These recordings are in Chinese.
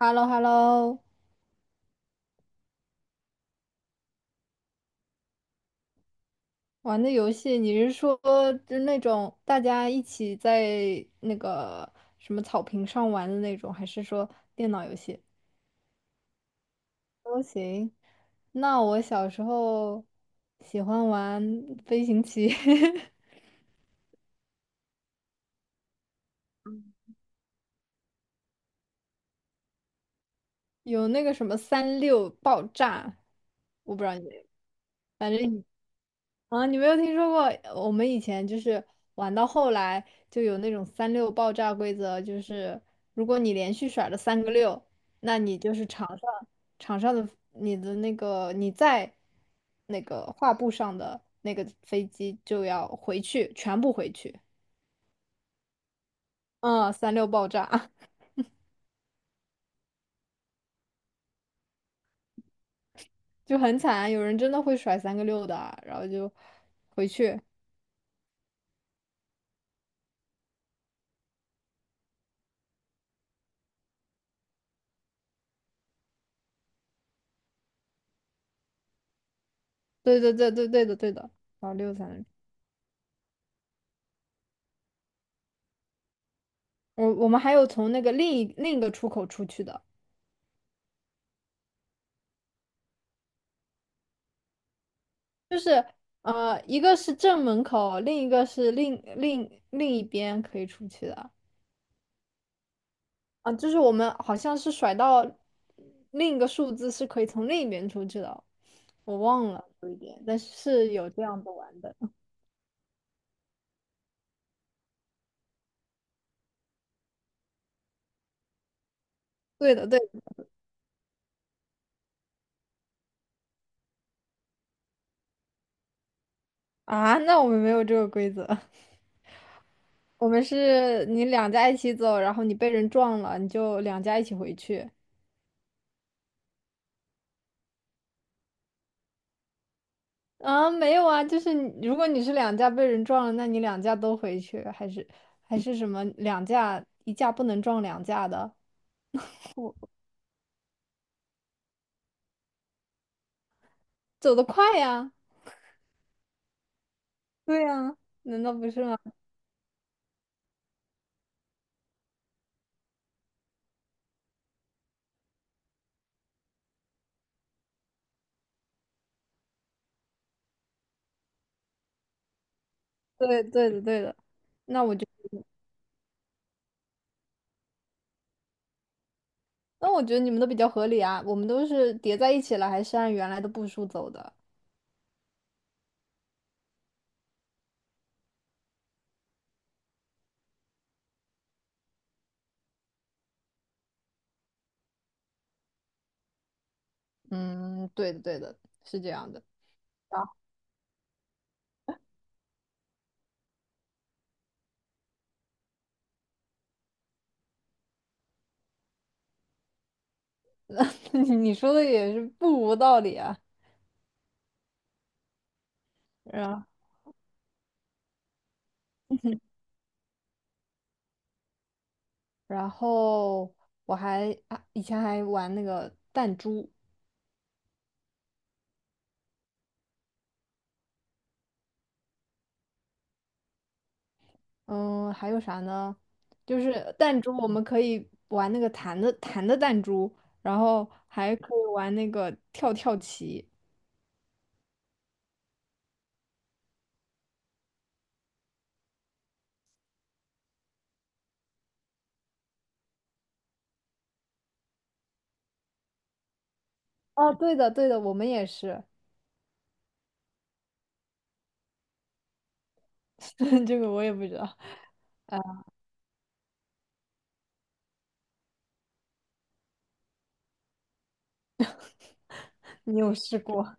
h e l l o h e l l o 玩的游戏，你是说就那种大家一起在那个什么草坪上玩的那种，还是说电脑游戏？都行。那我小时候喜欢玩飞行棋，有那个什么三六爆炸，我不知道你，反正。啊，你没有听说过？我们以前就是玩到后来就有那种三六爆炸规则，就是如果你连续甩了三个六，那你就是场上的你的那个你在那个画布上的那个飞机就要回去，全部回去。嗯，三六爆炸 就很惨，有人真的会甩三个六的啊然后就回去。对对对对对的对的，然后六三，我们还有从那个另一个出口出去的。一个是正门口，另一个是另一边可以出去的。啊，就是我们好像是甩到另一个数字是可以从另一边出去的，我忘了有一点，但是有这样子玩的。对的，对的啊，那我们没有这个规则，我们是你两家一起走，然后你被人撞了，你就两家一起回去。啊，没有啊，就是如果你是两架被人撞了，那你两架都回去，还是什么两架一架不能撞两架的，走得快呀，对呀，难道不是吗？对对的对的，那我就那我觉得你们都比较合理啊，我们都是叠在一起了，还是按原来的步数走的？嗯，对的对的，是这样的。啊，你说的也是不无道理啊。然然后我还啊，以前还玩那个弹珠。嗯，还有啥呢？就是弹珠，我们可以玩那个弹的弹珠，然后还可以玩那个跳跳棋。哦，对的，对的，我们也是。这个我也不知道，你有试过？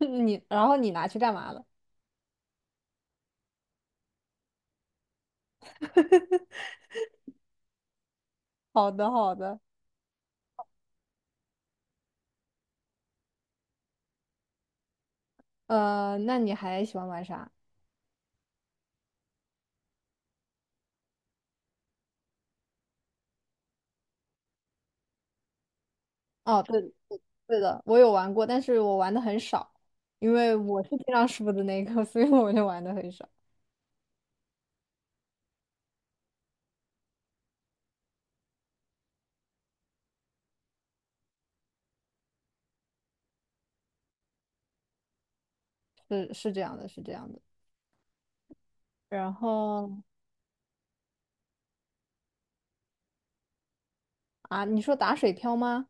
你，然后你拿去干嘛了？好的，好的。那你还喜欢玩啥？哦，对的，对的，我有玩过，但是我玩的很少，因为我是经常输的那个，所以我就玩的很少。是这样的是这样的。然后。啊，你说打水漂吗？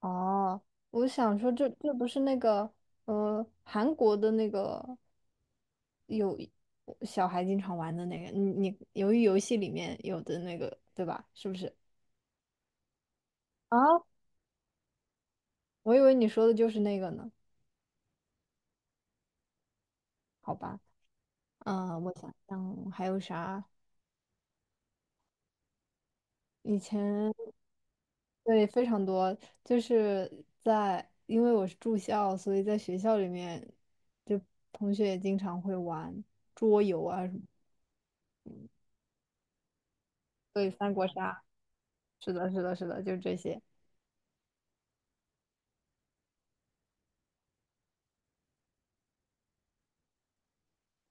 哦，我想说这不是那个韩国的那个有小孩经常玩的那个，你由于游戏里面有的那个对吧？是不是？啊，我以为你说的就是那个呢。好吧，嗯，我想想还有啥？以前对非常多，就是在因为我是住校，所以在学校里面就同学也经常会玩桌游啊什么，对三国杀。是的，是的，是的，就这些。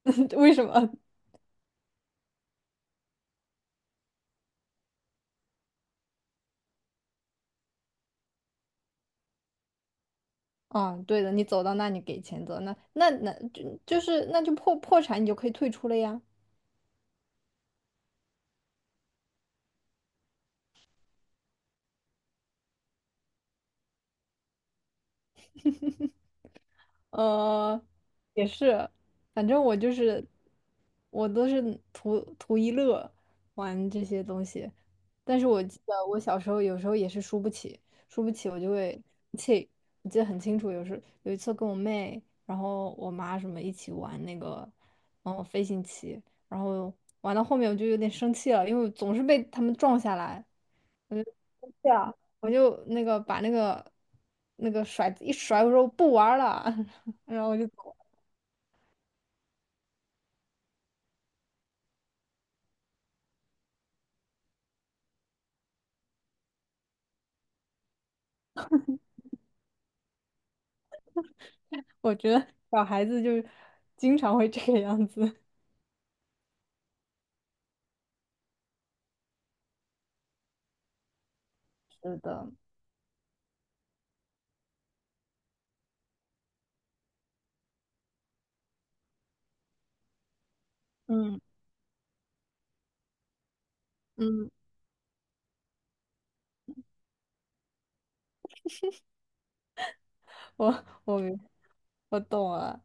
为什么？嗯，对的，你走到那，里给钱走，那就是那就破产，你就可以退出了呀。呃，也是，反正我就是我都是图一乐玩这些东西，但是我记得我小时候有时候也是输不起，输不起我就会生气。我记得很清楚，有一次跟我妹，然后我妈什么一起玩那个飞行棋，然后玩到后面我就有点生气了，因为我总是被他们撞下来。我就生气了，我就那个把那个甩子一甩，我说我不玩儿了，然后我就走了。我觉得小孩子就是经常会这个样子。是的，嗯嗯，我我明我懂了。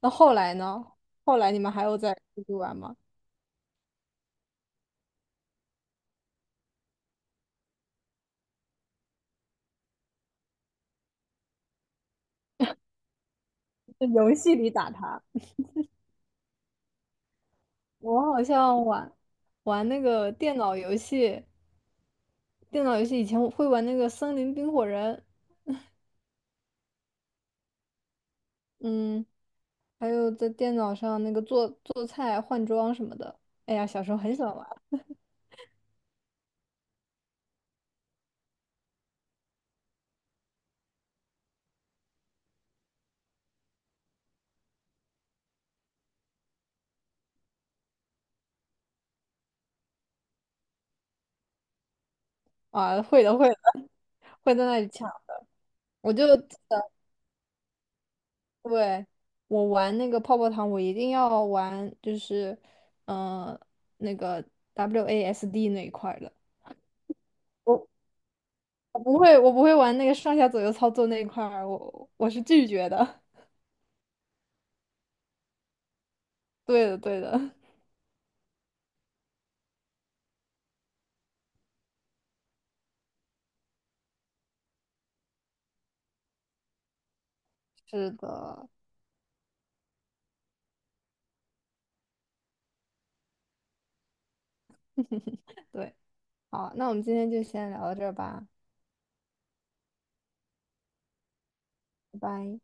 那后来呢？后来你们还有在出去玩吗？在游戏里打他。我好像玩那个电脑游戏，电脑游戏以前我会玩那个《森林冰火人》，嗯。还有在电脑上那个做做菜、换装什么的。哎呀，小时候很喜欢玩啊，会的会的，会在那里抢。我就对我玩那个泡泡糖，我一定要玩，就是嗯、呃那个 WASD 那一块儿的。我我不会我不会玩那个上下左右操作那一块儿，我是拒绝的。对的，对的，是的，对。好，那我们今天就先聊到这儿吧，拜拜。